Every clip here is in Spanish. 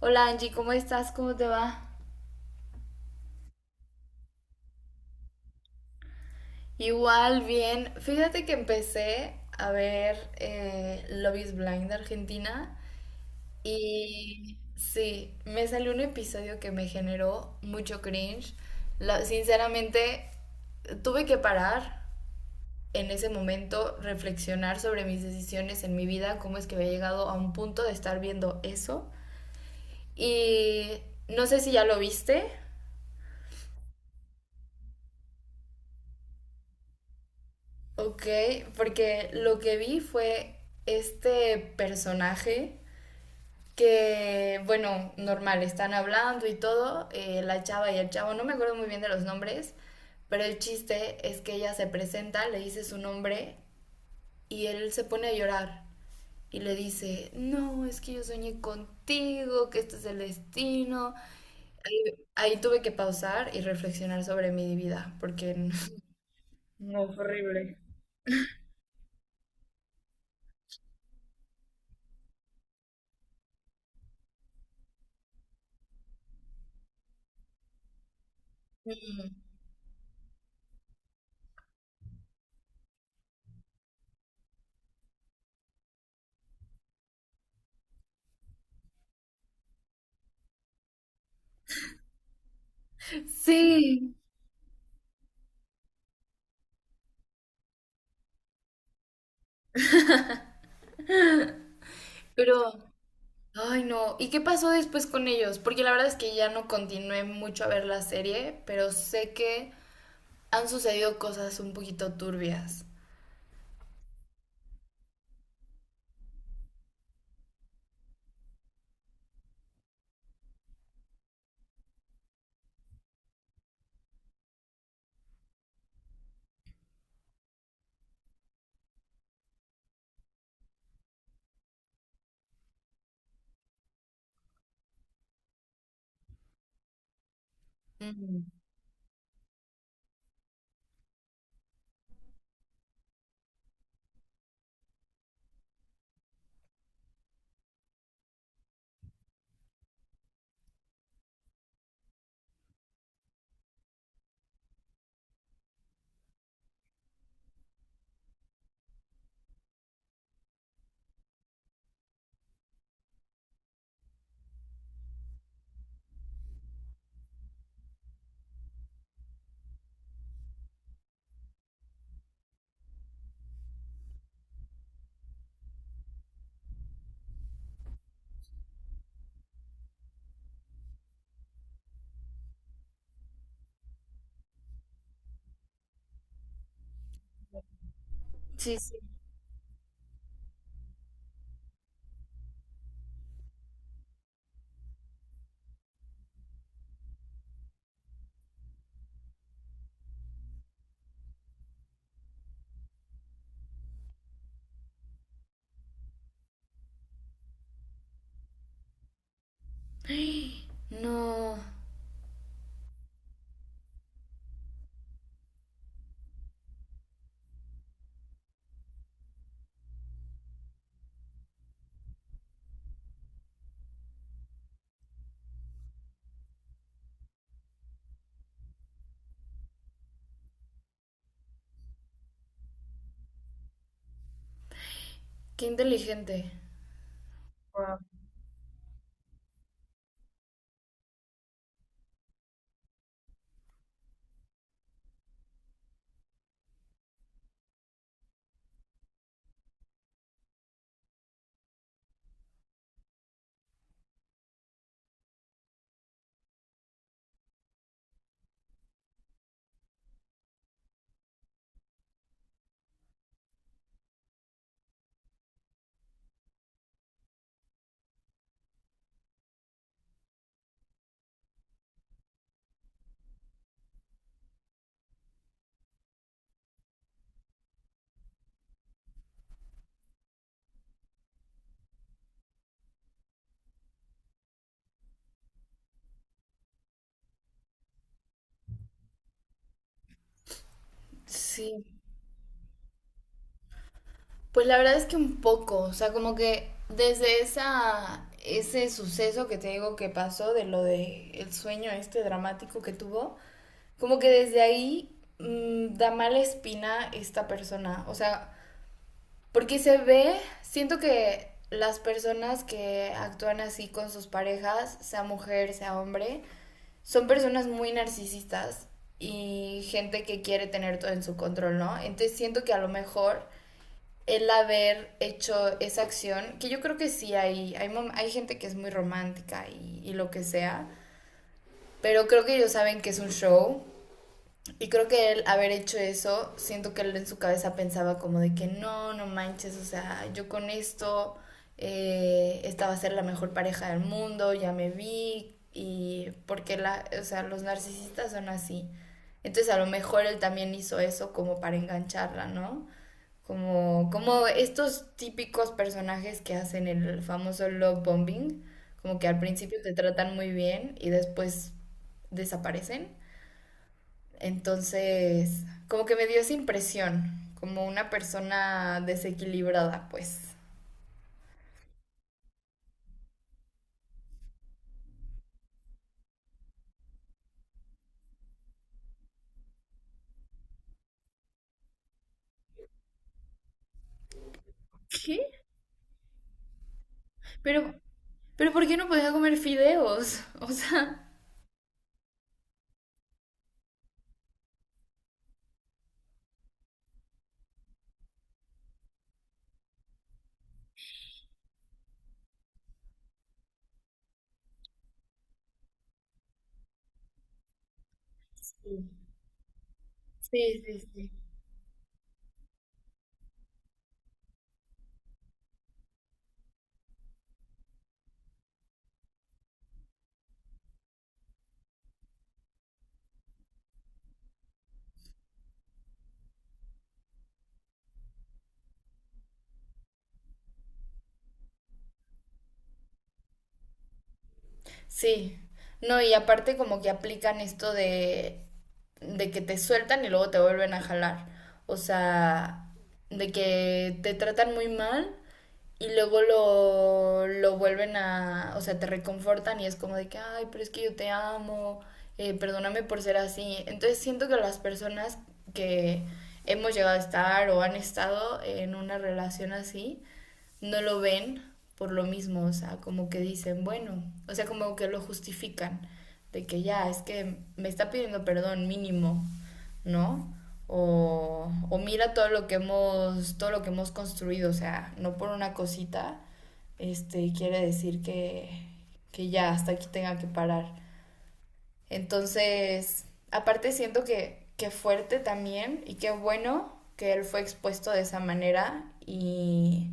Hola Angie, ¿cómo estás? ¿Cómo te va? Igual, bien. Fíjate que empecé a ver Love is Blind de Argentina y sí, me salió un episodio que me generó mucho cringe. Sinceramente, tuve que parar en ese momento, reflexionar sobre mis decisiones en mi vida, cómo es que había llegado a un punto de estar viendo eso. Y no sé si ya lo viste. Ok, porque lo que vi fue este personaje que, bueno, normal, están hablando y todo, la chava y el chavo, no me acuerdo muy bien de los nombres, pero el chiste es que ella se presenta, le dice su nombre y él se pone a llorar y le dice, no, es que yo soñé contigo, que este es el destino. Ahí, ahí tuve que pausar y reflexionar sobre mi vida, porque no, fue horrible. Sí, pero... Ay, no. ¿Y qué pasó después con ellos? Porque la verdad es que ya no continué mucho a ver la serie, pero sé que han sucedido cosas un poquito turbias. Mm. Sí, sí. No, qué inteligente. Wow. Sí. Pues la verdad es que un poco, o sea, como que desde esa, ese suceso que te digo que pasó, de lo de el sueño este dramático que tuvo, como que desde ahí da mala espina esta persona. O sea, porque se ve, siento que las personas que actúan así con sus parejas, sea mujer, sea hombre, son personas muy narcisistas y gente que quiere tener todo en su control, ¿no? Entonces siento que a lo mejor el haber hecho esa acción, que yo creo que sí hay, hay gente que es muy romántica y lo que sea, pero creo que ellos saben que es un show y creo que él haber hecho eso, siento que él en su cabeza pensaba como de que no, no manches, o sea, yo con esto, esta va a ser la mejor pareja del mundo, ya me vi, y porque la, o sea, los narcisistas son así. Entonces a lo mejor él también hizo eso como para engancharla, ¿no? Como, como estos típicos personajes que hacen el famoso love bombing, como que al principio te tratan muy bien y después desaparecen. Entonces, como que me dio esa impresión, como una persona desequilibrada, pues. ¿Qué? Pero, pero ¿por qué no podía comer fideos? O sea, sí, sí, sí. Sí, sí. No, y aparte como que aplican esto de que te sueltan y luego te vuelven a jalar. O sea, de que te tratan muy mal y luego lo vuelven a, o sea, te reconfortan y es como de que, ay, pero es que yo te amo, perdóname por ser así. Entonces siento que las personas que hemos llegado a estar o han estado en una relación así, no lo ven por lo mismo, o sea, como que dicen, bueno, o sea, como que lo justifican, de que ya, es que me está pidiendo perdón mínimo, ¿no? O mira todo lo que hemos, todo lo que hemos construido, o sea, no por una cosita, este, quiere decir que ya hasta aquí tenga que parar. Entonces, aparte siento que fuerte también y qué bueno que él fue expuesto de esa manera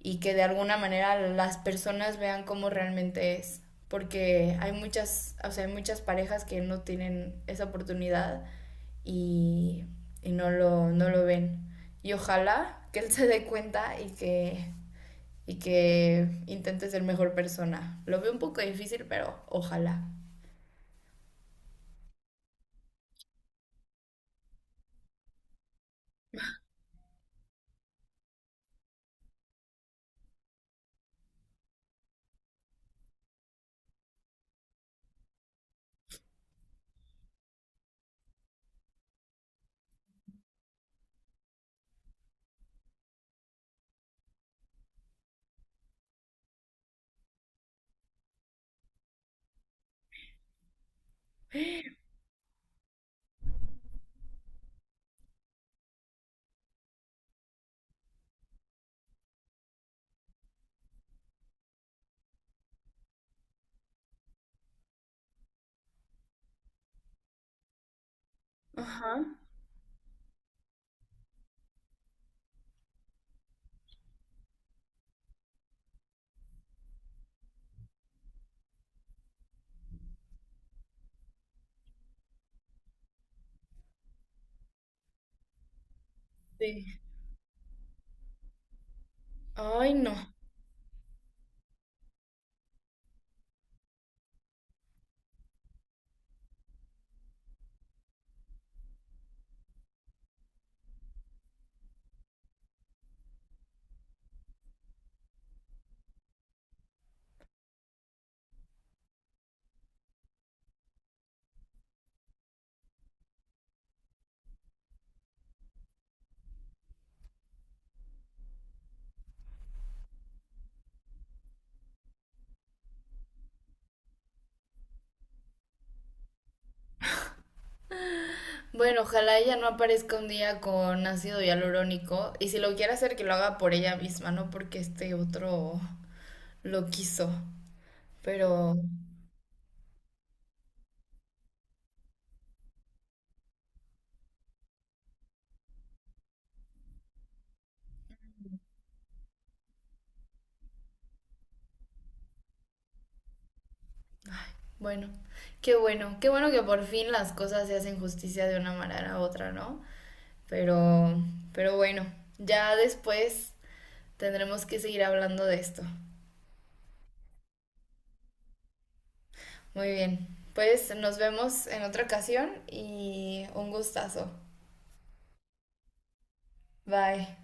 y que de alguna manera las personas vean cómo realmente es. Porque hay muchas, o sea, hay muchas parejas que no tienen esa oportunidad y, y no, lo, no lo ven. Y ojalá que él se dé cuenta y que intente ser mejor persona. Lo veo un poco difícil, pero ojalá. Ajá, sí. Ay, no. Bueno, ojalá ella no aparezca un día con ácido hialurónico. Y si lo quiere hacer, que lo haga por ella misma, no porque este otro lo quiso. Pero bueno, qué bueno, qué bueno que por fin las cosas se hacen justicia de una manera u otra, ¿no? Pero, pero bueno, ya después tendremos que seguir hablando de esto. Muy bien, pues nos vemos en otra ocasión y un gustazo. Bye.